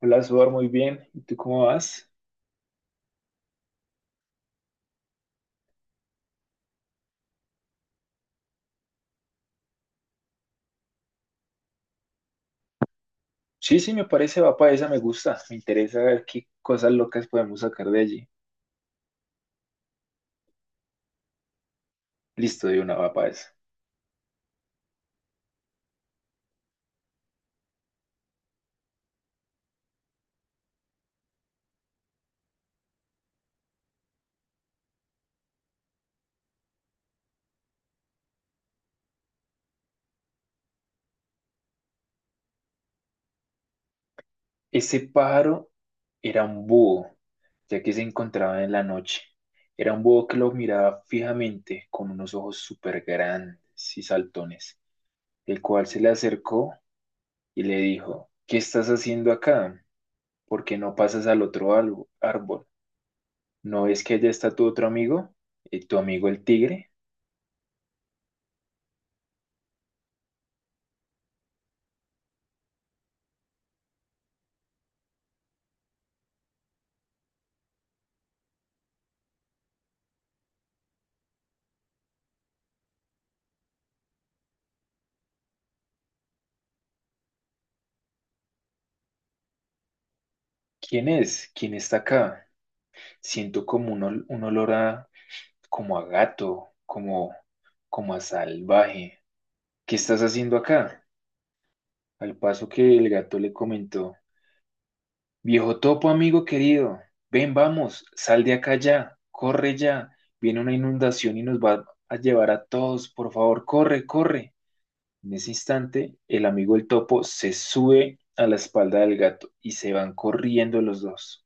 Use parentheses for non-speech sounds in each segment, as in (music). Hola, Suar, muy bien. ¿Y tú cómo vas? Sí, sí, me parece, va para esa, me gusta. Me interesa ver qué cosas locas podemos sacar de allí. Listo, de una, va para esa. Ese pájaro era un búho, ya que se encontraba en la noche. Era un búho que lo miraba fijamente, con unos ojos súper grandes y saltones, el cual se le acercó y le dijo, ¿qué estás haciendo acá? ¿Por qué no pasas al árbol? ¿No ves que allá está tu otro amigo? ¿Tu amigo el tigre? ¿Quién es? ¿Quién está acá? Siento como un, un olor a, como a gato, como, como a salvaje. ¿Qué estás haciendo acá? Al paso que el gato le comentó, viejo topo, amigo querido, ven, vamos, sal de acá ya, corre ya, viene una inundación y nos va a llevar a todos, por favor, corre, corre. En ese instante, el amigo el topo se sube a la espalda del gato y se van corriendo los dos.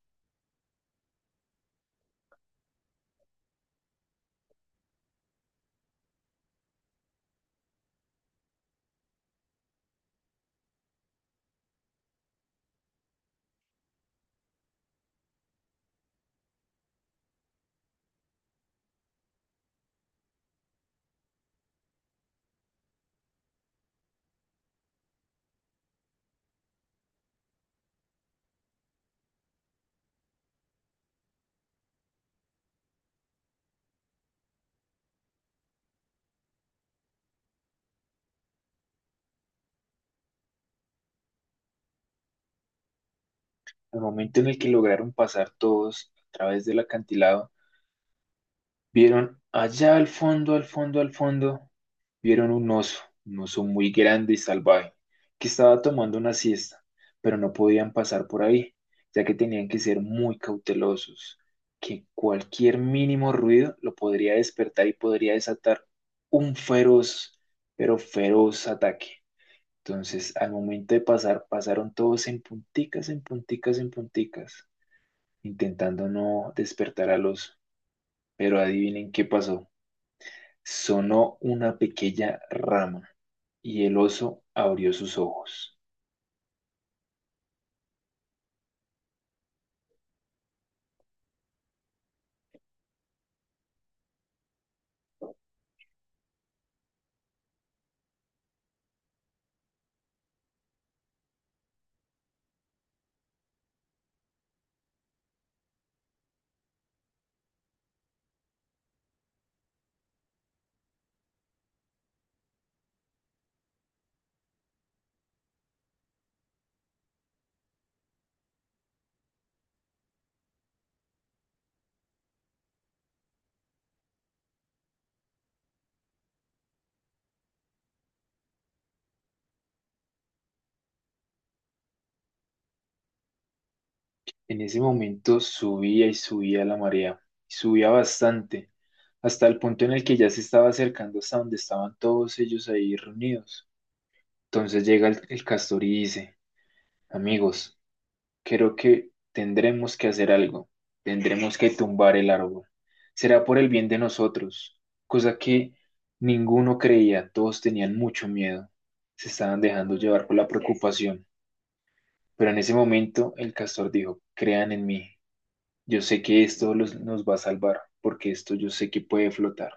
Al momento en el que lograron pasar todos a través del acantilado, vieron allá al fondo, al fondo, al fondo, vieron un oso muy grande y salvaje, que estaba tomando una siesta, pero no podían pasar por ahí, ya que tenían que ser muy cautelosos, que cualquier mínimo ruido lo podría despertar y podría desatar un feroz, pero feroz ataque. Entonces, al momento de pasar, pasaron todos en punticas, en punticas, en punticas, intentando no despertar al oso. Pero adivinen qué pasó. Sonó una pequeña rama y el oso abrió sus ojos. En ese momento subía y subía la marea, y subía bastante, hasta el punto en el que ya se estaba acercando hasta donde estaban todos ellos ahí reunidos. Entonces llega el castor y dice, amigos, creo que tendremos que hacer algo. Tendremos que tumbar el árbol. Será por el bien de nosotros, cosa que ninguno creía. Todos tenían mucho miedo. Se estaban dejando llevar por la preocupación. Pero en ese momento el castor dijo, crean en mí. Yo sé que esto nos va a salvar, porque esto yo sé que puede flotar.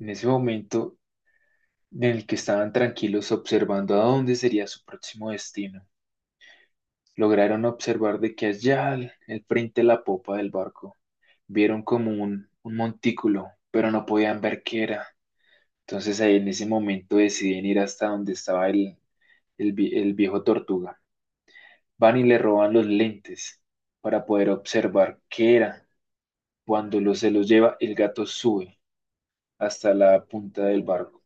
En ese momento en el que estaban tranquilos observando a dónde sería su próximo destino. Lograron observar de que allá al frente de la popa del barco vieron como un montículo, pero no podían ver qué era. Entonces ahí en ese momento deciden ir hasta donde estaba el viejo tortuga. Van y le roban los lentes para poder observar qué era. Cuando los, se los lleva, el gato sube hasta la punta del barco.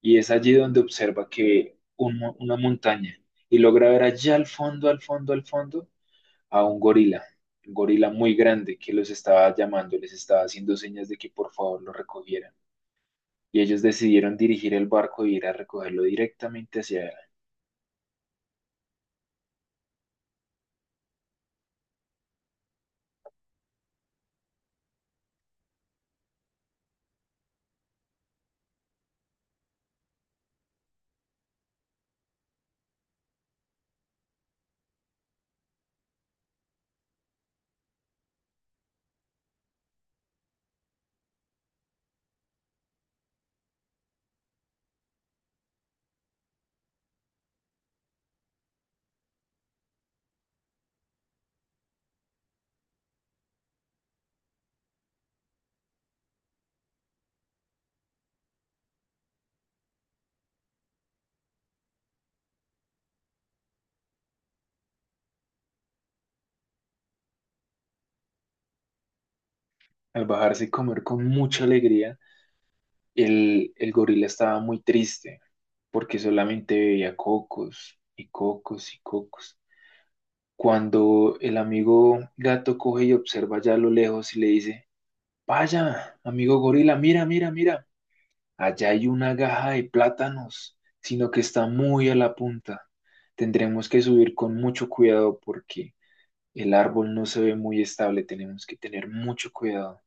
Y es allí donde observa que una montaña y logra ver allá al fondo, al fondo, al fondo, a un gorila muy grande que los estaba llamando, les estaba haciendo señas de que por favor lo recogieran. Y ellos decidieron dirigir el barco e ir a recogerlo directamente hacia él. Al bajarse y comer con mucha alegría, el gorila estaba muy triste porque solamente veía cocos y cocos y cocos. Cuando el amigo gato coge y observa ya a lo lejos y le dice, vaya, amigo gorila, mira, mira, mira, allá hay una gaja de plátanos, sino que está muy a la punta. Tendremos que subir con mucho cuidado porque el árbol no se ve muy estable. Tenemos que tener mucho cuidado.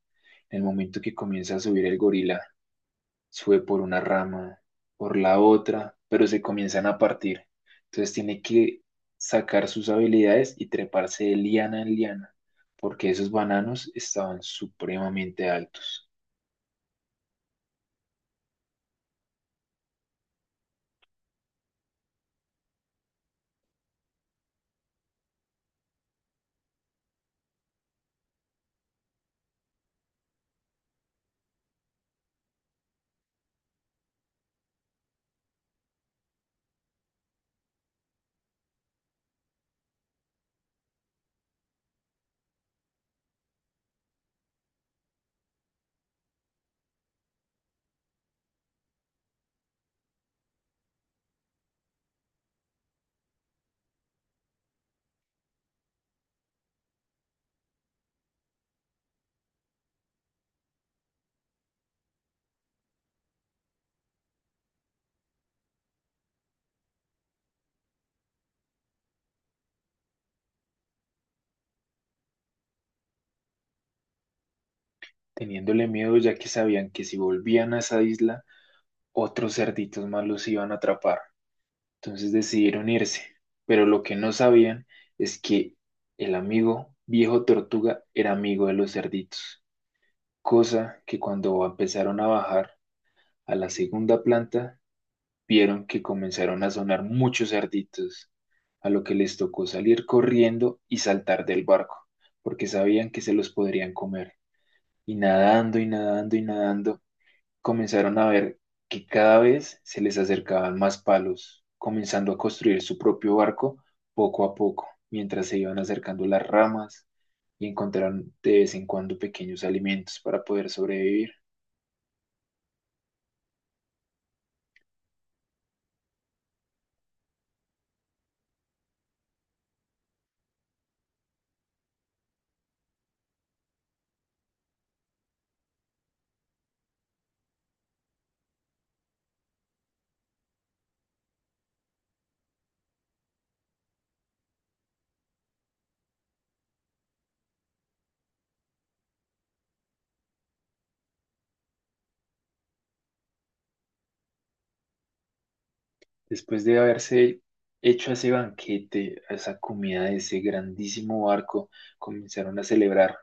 En el momento que comienza a subir el gorila, sube por una rama, por la otra, pero se comienzan a partir. Entonces tiene que sacar sus habilidades y treparse de liana en liana, porque esos bananos estaban supremamente altos, teniéndole miedo ya que sabían que si volvían a esa isla, otros cerditos más los iban a atrapar. Entonces decidieron irse, pero lo que no sabían es que el amigo viejo tortuga era amigo de los cerditos, cosa que cuando empezaron a bajar a la segunda planta, vieron que comenzaron a sonar muchos cerditos, a lo que les tocó salir corriendo y saltar del barco, porque sabían que se los podrían comer. Y nadando y nadando y nadando, comenzaron a ver que cada vez se les acercaban más palos, comenzando a construir su propio barco poco a poco, mientras se iban acercando las ramas y encontraron de vez en cuando pequeños alimentos para poder sobrevivir. Después de haberse hecho ese banquete, a esa comida de ese grandísimo barco, comenzaron a celebrar,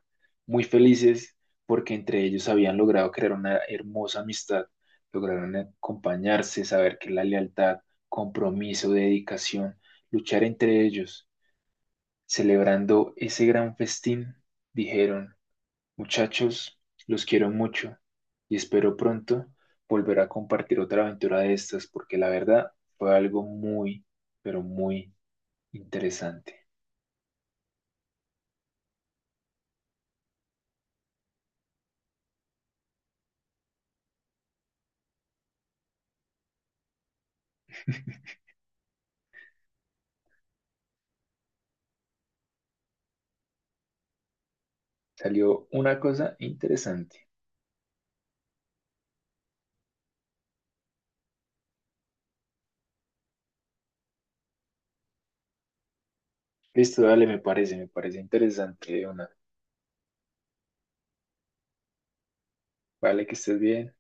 muy felices porque entre ellos habían logrado crear una hermosa amistad, lograron acompañarse, saber que la lealtad, compromiso, dedicación, luchar entre ellos, celebrando ese gran festín, dijeron. Muchachos, los quiero mucho y espero pronto volver a compartir otra aventura de estas porque la verdad fue algo muy, pero muy interesante. (laughs) Salió una cosa interesante. Listo, dale, me parece interesante, una. Vale, que estés bien.